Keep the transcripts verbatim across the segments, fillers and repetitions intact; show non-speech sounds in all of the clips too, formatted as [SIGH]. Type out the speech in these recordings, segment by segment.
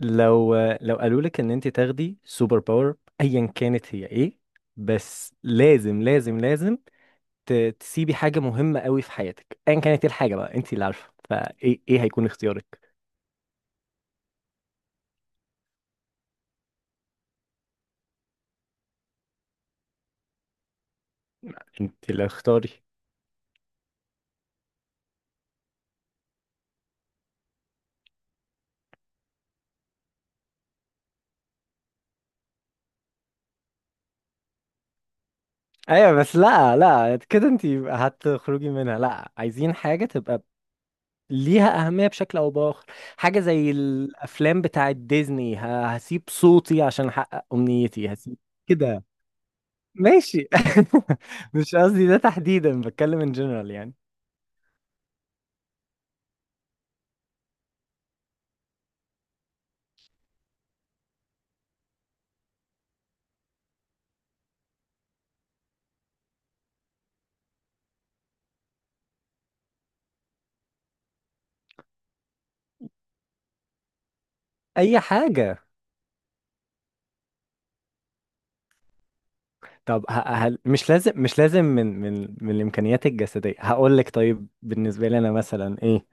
لو لو قالوا لك ان انت تاخدي سوبر باور، ايا كانت هي ايه؟ بس لازم لازم لازم ت- تسيبي حاجة مهمة قوي في حياتك، ايا كانت ايه الحاجة بقى، انت اللي عارفة، فايه ايه هيكون اختيارك؟ انت اللي اختاري. ايوه بس لا لا كده انت هتخرجي منها، لا عايزين حاجة تبقى ليها أهمية بشكل أو بآخر. حاجة زي الأفلام بتاعة ديزني، ه- هسيب صوتي عشان أحقق أمنيتي، هسيب كده. ماشي. [LAUGHS] مش قصدي ده تحديدا، بتكلم ان جنرال يعني. اي حاجه. طب ه- هل مش لازم، مش لازم من من من الامكانيات الجسديه، هقول لك طيب، بالنسبه لي انا مثلا ايه؟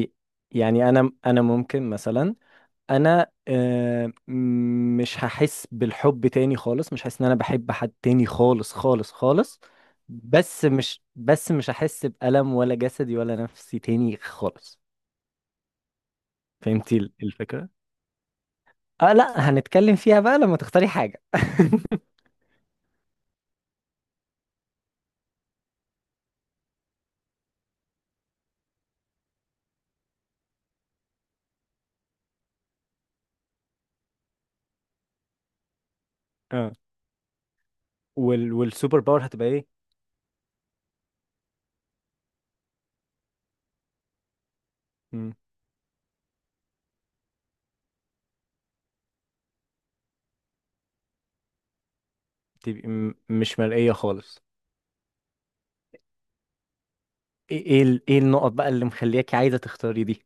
ي- يعني انا انا ممكن مثلا انا آه، م- مش هحس بالحب تاني خالص، مش هحس ان انا بحب حد تاني خالص خالص خالص. بس مش بس مش هحس بألم ولا جسدي ولا نفسي تاني خالص. فهمتي الفكره؟ اه لا، هنتكلم فيها بقى لما تختاري حاجة. اه. وال والسوبر باور هتبقى ايه؟ مم. تبقى م- مش مرئية خالص. ايه ايه ال- إيه النقط بقى اللي مخلياكي عايزة تختاري دي؟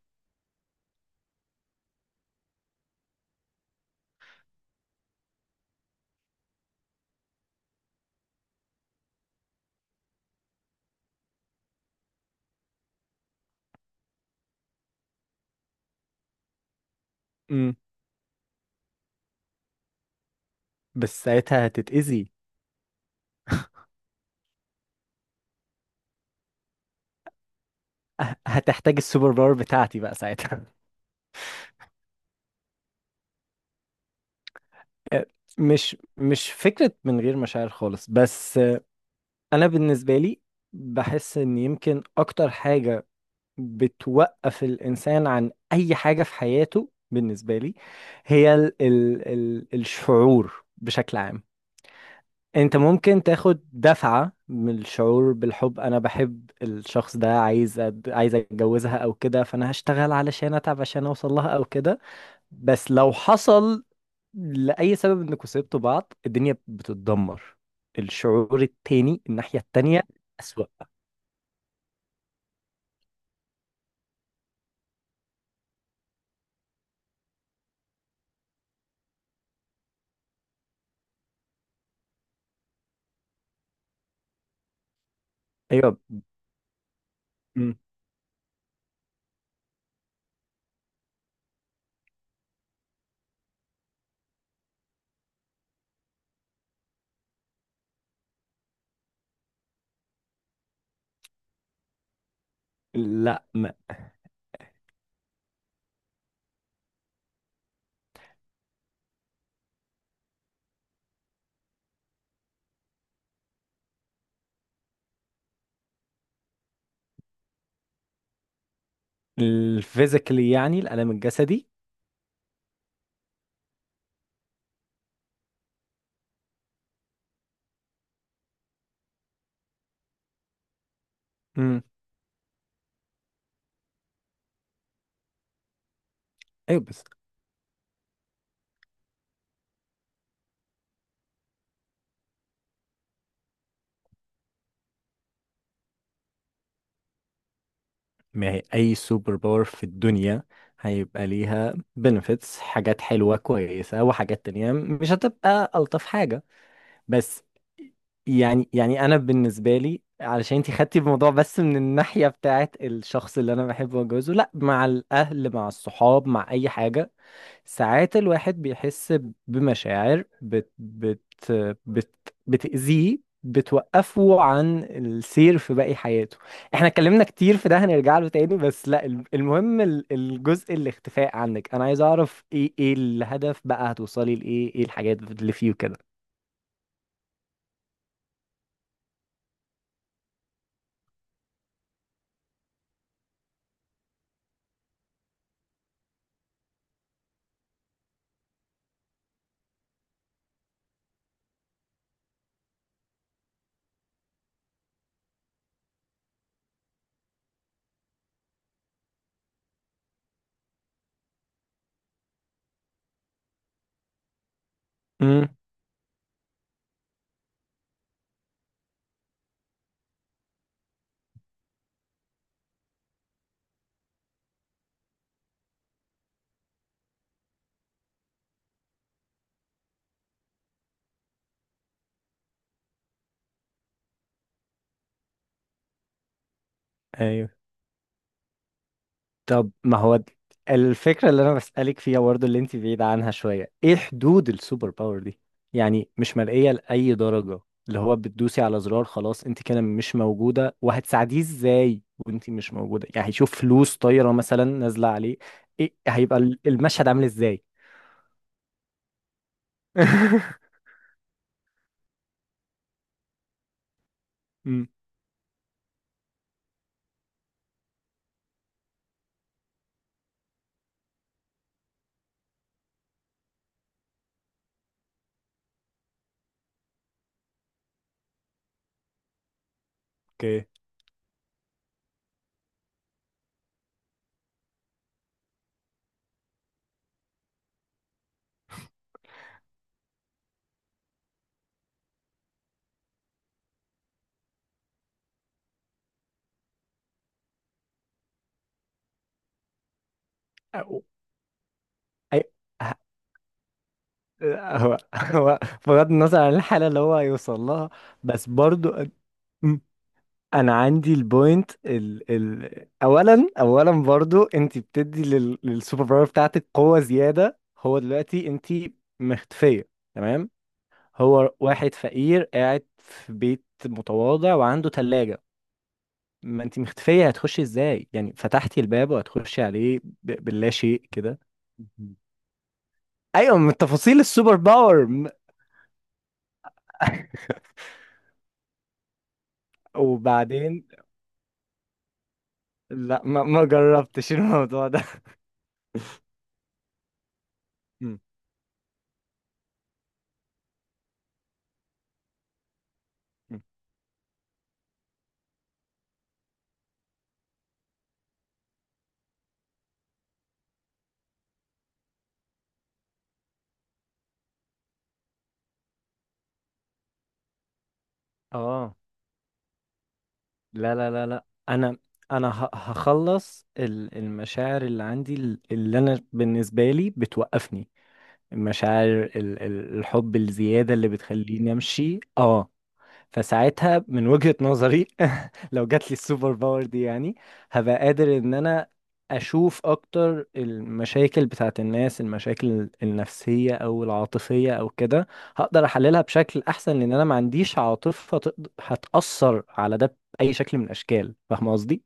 مم. بس ساعتها هتتأذي. ه- هتحتاج السوبر باور بتاعتي بقى ساعتها. آه، مش، مش فكرة من غير مشاعر خالص، بس آه، انا بالنسبة لي بحس ان يمكن اكتر حاجة بتوقف الإنسان عن أي حاجة في حياته، بالنسبة لي، هي ال ال ال الشعور بشكل عام. أنت ممكن تاخد دفعة من الشعور بالحب، أنا بحب الشخص ده، عايز أد... عايز أتجوزها أو كده، فأنا هشتغل علشان أتعب عشان أوصل لها أو كده. بس لو حصل لأي سبب إنكوا سبتوا بعض، الدنيا بتتدمر. الشعور التاني، الناحية التانية أسوأ. أيوه. م. لا. الفيزيكالي يعني الألم الجسدي. امم. ايوه بس. ما هي اي سوبر باور في الدنيا هيبقى ليها بنفيتس، حاجات حلوة كويسة، وحاجات تانية مش هتبقى ألطف حاجة. بس يعني يعني انا بالنسبة لي، علشان انتي خدتي الموضوع بس من الناحية بتاعت الشخص اللي انا بحبه واتجوزه، لا، مع الاهل، مع الصحاب، مع اي حاجة. ساعات الواحد بيحس بمشاعر بت بت بت بتأذيه، بتوقفه عن السير في باقي حياته. احنا اتكلمنا كتير في ده، هنرجع له تاني، بس لا، الم- المهم ال- الجزء الاختفاء عنك، انا عايز اعرف ايه، ايه الهدف بقى؟ هتوصلي لايه؟ ايه الحاجات اللي فيه كده؟ امم. ايوه. طب ما هو د- الفكرة اللي أنا بسألك فيها برضه اللي أنت بعيدة عنها شوية، إيه حدود السوبر باور دي؟ يعني مش مرئية لأي درجة؟ اللي هو بتدوسي على زرار خلاص أنت كده مش موجودة، وهتساعديه إزاي وأنت مش موجودة؟ يعني هيشوف فلوس طايرة مثلا نازلة عليه؟ إيه هيبقى ال- المشهد عامل إزاي؟ [LAUGHS] أمم، أوكي. أو- أي- ه- هو هو بغض النظر عن الحالة اللي هو هيوصل لها. بس برضه انا عندي البوينت ال ال اولا اولا، برضو انت بتدي لل للسوبر باور بتاعتك قوه زياده. هو دلوقتي انت مختفيه، تمام؟ هو واحد فقير قاعد في بيت متواضع وعنده ثلاجه، ما انت مختفيه، هتخشي ازاي يعني؟ فتحتي الباب وهتخشي عليه ب- باللا شيء كده. مهم. ايوه من تفاصيل السوبر باور م- [LAUGHS] وبعدين. لا ما, ما جربتش الموضوع ده. [LAUGHS] مم. مم. اه لا لا لا لا، انا انا ه- هخلص ال- المشاعر اللي عندي ال- اللي انا بالنسبه لي بتوقفني، المشاعر، ال- ال- الحب الزياده اللي بتخليني امشي، اه. فساعتها من وجهة نظري، [LAUGHS] لو جات لي السوبر باور دي يعني، هبقى قادر ان انا اشوف اكتر المشاكل بتاعت الناس، المشاكل النفسية او العاطفية او كده، هقدر احللها بشكل احسن، لان انا ما عنديش عاطفة تقد- هتأثر على ده بأي شكل من الاشكال، فاهم قصدي؟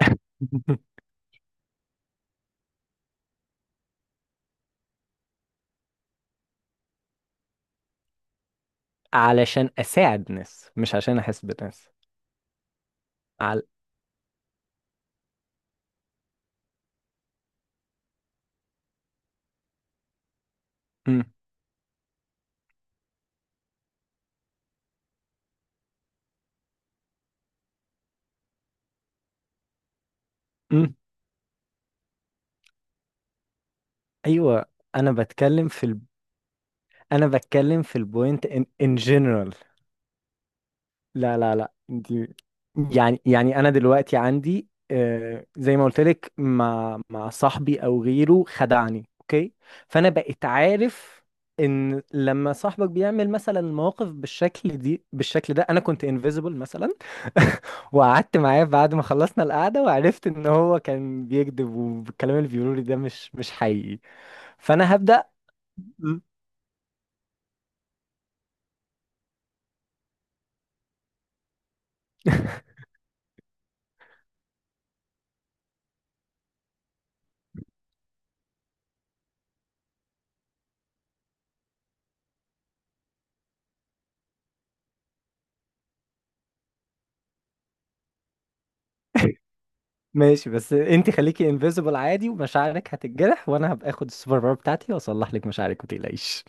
[LAUGHS] علشان اساعد ناس، مش عشان احس بناس. على. مم. مم. ايوه. انا بتكلم في ال... انا بتكلم في البوينت ان ان جنرال. لا لا لا انت. يعني يعني انا دلوقتي عندي آه، زي ما قلت لك، مع مع صاحبي او غيره خدعني، اوكي، فانا بقيت عارف. ان لما صاحبك بيعمل مثلا مواقف بالشكل دي بالشكل ده، انا كنت انفيزبل مثلا، [LAUGHS] وقعدت معاه بعد ما خلصنا القعده، وعرفت ان هو كان بيكذب، والكلام اللي بيقوله لي ده مش مش حقيقي. فانا هبدأ. [LAUGHS] ماشي، بس انت خليكي انفيزبل عادي، ومشاعرك هتتجرح، وانا هبقى اخد السوبر باور بتاعتي واصلح لك مشاعرك، ما تقلقيش.